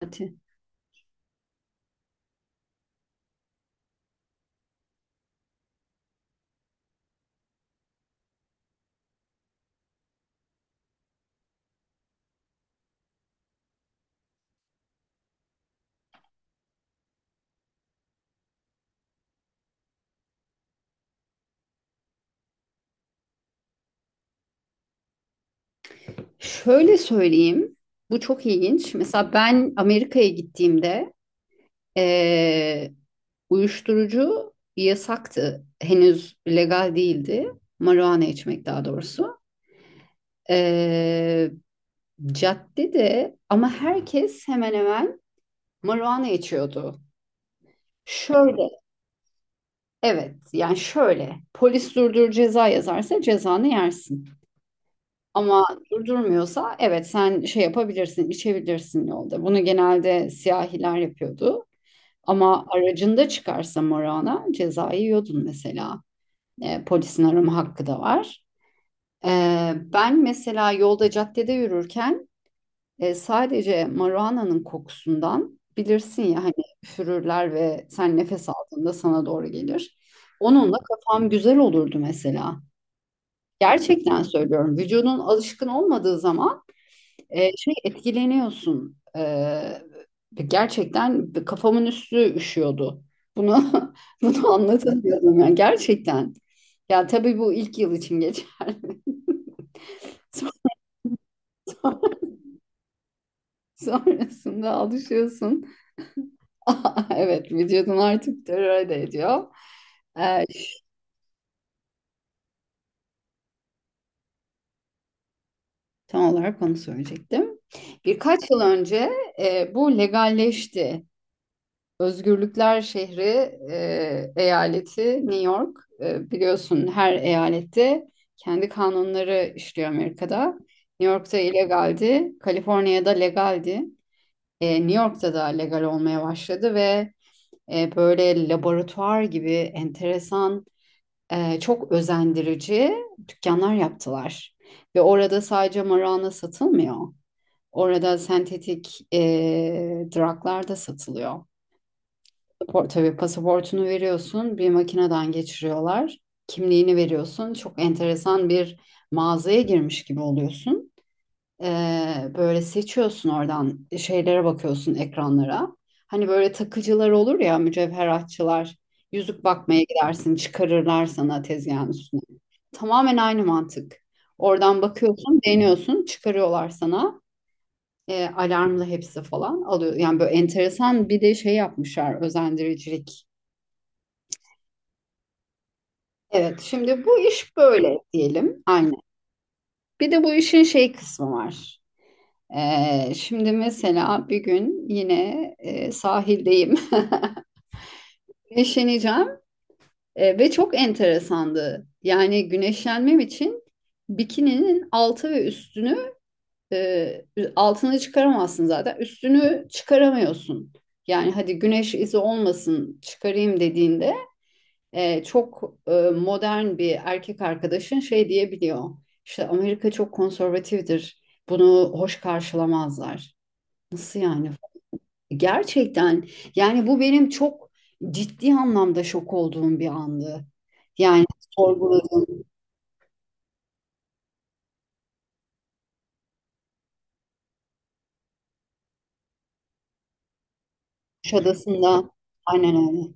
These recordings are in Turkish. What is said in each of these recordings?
Saati. Şöyle söyleyeyim, bu çok ilginç. Mesela ben Amerika'ya gittiğimde eee, uyuşturucu yasaktı. Henüz legal değildi. Marijuana içmek daha doğrusu. Eee Caddede ama herkes hemen hemen marijuana içiyordu. Şöyle, evet yani şöyle. Polis durdur ceza yazarsa cezanı yersin. Ama durdurmuyorsa evet sen şey yapabilirsin, içebilirsin yolda. Bunu genelde siyahiler yapıyordu. Ama aracında çıkarsa morana cezayı yiyordun mesela. Polisin arama hakkı da var. E, Ben mesela yolda caddede yürürken sadece marijuana'nın kokusundan bilirsin ya hani üfürürler ve sen nefes aldığında sana doğru gelir. Onunla kafam güzel olurdu mesela. Gerçekten söylüyorum. Vücudun alışkın olmadığı zaman şey etkileniyorsun. Gerçekten kafamın üstü üşüyordu. Bunu bunu anlatamıyordum yani gerçekten. Ya tabii bu ilk yıl için geçer. Son- Sonrasında alışıyorsun. Evet, vücudun artık tolere ediyor. E, Tam olarak onu söyleyecektim. Birkaç yıl önce bu legalleşti. Özgürlükler şehri, eyaleti New York. Biliyorsun her eyalette kendi kanunları işliyor Amerika'da. New York'ta illegaldi, Kaliforniya'da legaldi. New York'ta da legal olmaya başladı ve böyle laboratuvar gibi enteresan, çok özendirici dükkanlar yaptılar. Ve orada sadece marijuana satılmıyor. Orada sentetik drug'lar da satılıyor. Pasaport, tabii pasaportunu veriyorsun, bir makineden geçiriyorlar. Kimliğini veriyorsun. Çok enteresan bir mağazaya girmiş gibi oluyorsun. Böyle seçiyorsun oradan şeylere bakıyorsun ekranlara. Hani böyle takıcılar olur ya mücevheratçılar. Yüzük bakmaya gidersin, çıkarırlar sana tezgahın üstüne. Tamamen aynı mantık. Oradan bakıyorsun, beğeniyorsun, çıkarıyorlar sana. Alarmlı hepsi falan alıyor. Yani böyle enteresan bir de şey yapmışlar, özendiricilik. Evet, şimdi bu iş böyle diyelim. Aynen. Bir de bu işin şey kısmı var. Şimdi mesela bir gün yine sahildeyim. Güneşleneceğim ve çok enteresandı. Yani güneşlenmem için bikininin altı ve üstünü e, altını çıkaramazsın zaten. Üstünü çıkaramıyorsun. Yani hadi güneş izi olmasın çıkarayım dediğinde çok modern bir erkek arkadaşın şey diyebiliyor. İşte Amerika çok konservatiftir. Bunu hoş karşılamazlar. Nasıl yani? Gerçekten yani bu benim çok ciddi anlamda şok olduğum bir andı. Yani sorguladığım Kuşadası'nda aynen öyle.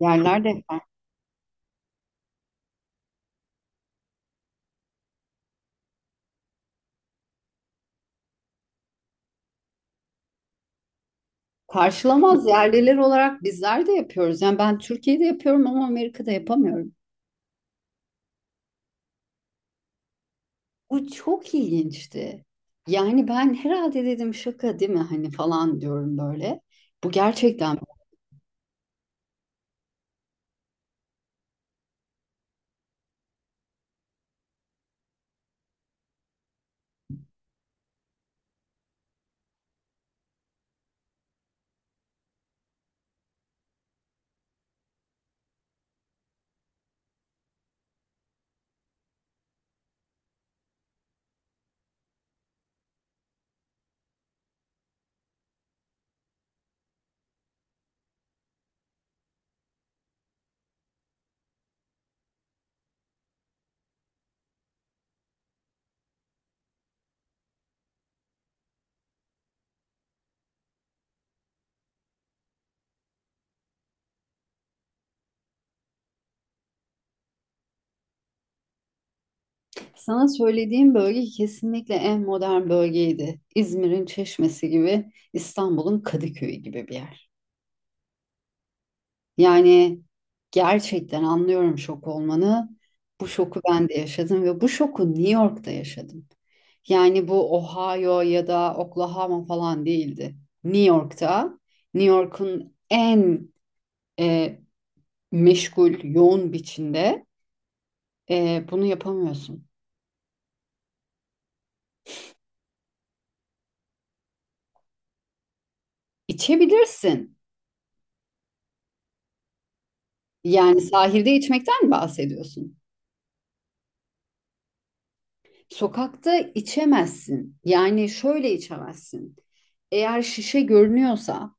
Yerlerde karşılamaz yerliler olarak bizler de yapıyoruz. Yani ben Türkiye'de yapıyorum ama Amerika'da yapamıyorum. O çok ilginçti. Yani ben herhalde dedim şaka değil mi hani falan diyorum böyle. Bu gerçekten sana söylediğim bölge kesinlikle en modern bölgeydi. İzmir'in Çeşmesi gibi, İstanbul'un Kadıköy'ü gibi bir yer. Yani gerçekten anlıyorum şok olmanı. Bu şoku ben de yaşadım ve bu şoku New York'ta yaşadım. Yani bu Ohio ya da Oklahoma falan değildi. New York'ta, New York'un en e, meşgul, yoğun biçimde bunu yapamıyorsun. İçebilirsin. Yani sahilde içmekten bahsediyorsun. Sokakta içemezsin. Yani şöyle içemezsin. Eğer şişe görünüyorsa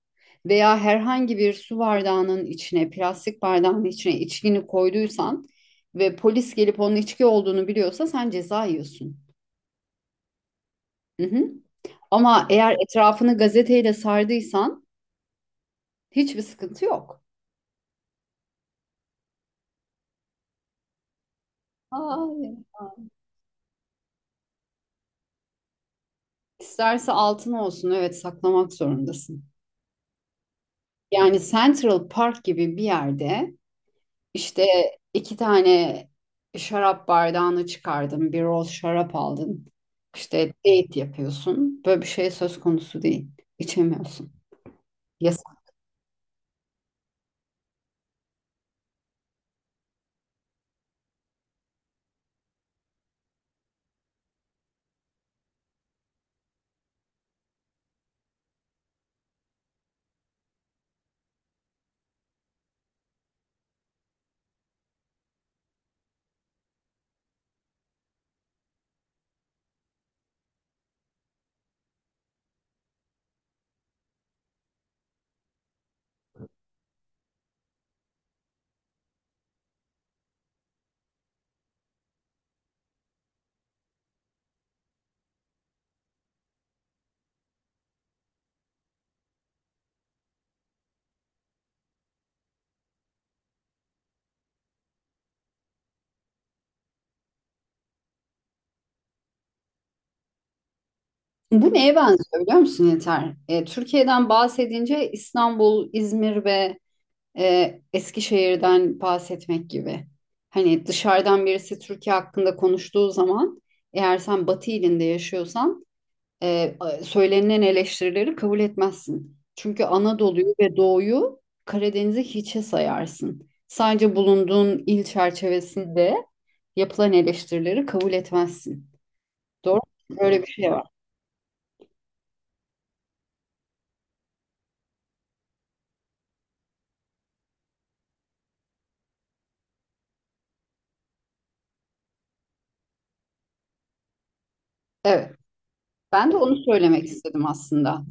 veya herhangi bir su bardağının içine, plastik bardağının içine içkini koyduysan ve polis gelip onun içki olduğunu biliyorsa sen ceza yiyorsun. Hı hı. Ama eğer etrafını gazeteyle sardıysan hiçbir sıkıntı yok. Hayır. İsterse altın olsun, evet saklamak zorundasın. Yani Central Park gibi bir yerde işte iki tane şarap bardağını çıkardın, bir roz şarap aldın. İşte date yapıyorsun. Böyle bir şey söz konusu değil. İçemiyorsun. Yasak. Bu neye benziyor biliyor musun Yeter? Türkiye'den bahsedince İstanbul, İzmir ve Eskişehir'den bahsetmek gibi. Hani dışarıdan birisi Türkiye hakkında konuştuğu zaman eğer sen Batı ilinde yaşıyorsan e, söylenen eleştirileri kabul etmezsin. Çünkü Anadolu'yu ve Doğu'yu Karadeniz'i hiçe sayarsın. Sadece bulunduğun il çerçevesinde yapılan eleştirileri kabul etmezsin. Doğru mu? Böyle bir şey var. Evet. Ben de onu söylemek istedim aslında.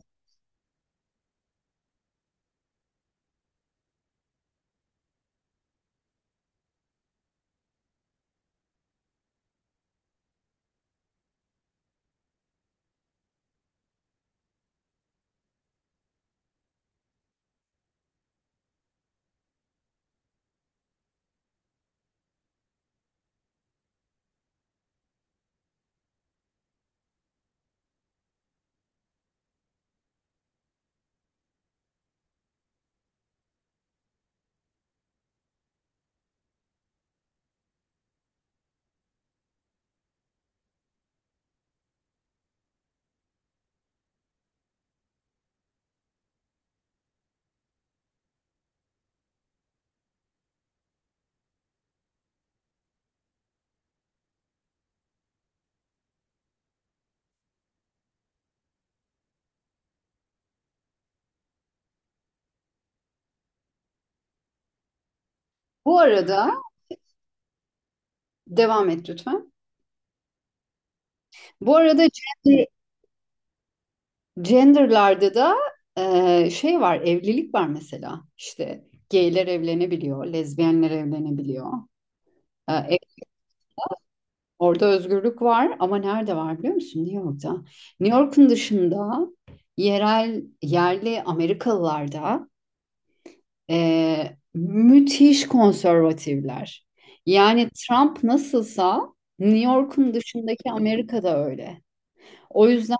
Bu arada devam et lütfen. Bu arada gender, genderlarda da şey var, evlilik var mesela. İşte gayler evlenebiliyor, lezbiyenler evlenebiliyor. E, e, Orada özgürlük var ama nerede var biliyor musun? New York'ta. New York'un dışında yerel, yerli Amerikalılarda müthiş konservatifler. Yani Trump nasılsa New York'un dışındaki Amerika'da öyle. O yüzden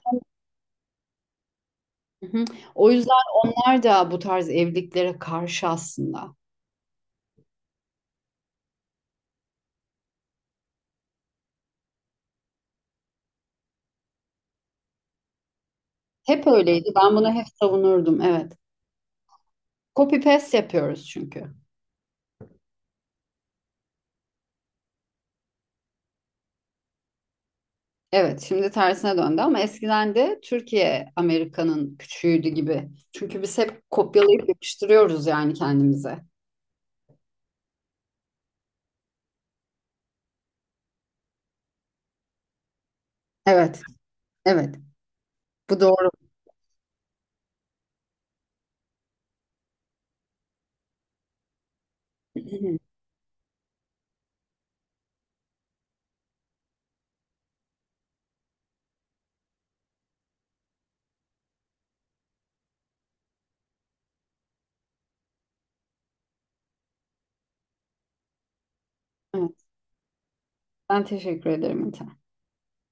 Hı hı. O yüzden onlar da bu tarz evliliklere karşı aslında. Hep öyleydi. Ben bunu hep savunurdum. Evet. Copy paste yapıyoruz çünkü. Evet, şimdi tersine döndü ama eskiden de Türkiye Amerika'nın küçüğüydü gibi. Çünkü biz hep kopyalayıp yapıştırıyoruz yani kendimize. Evet, evet. Bu doğru. Evet. Ben teşekkür ederim Mete.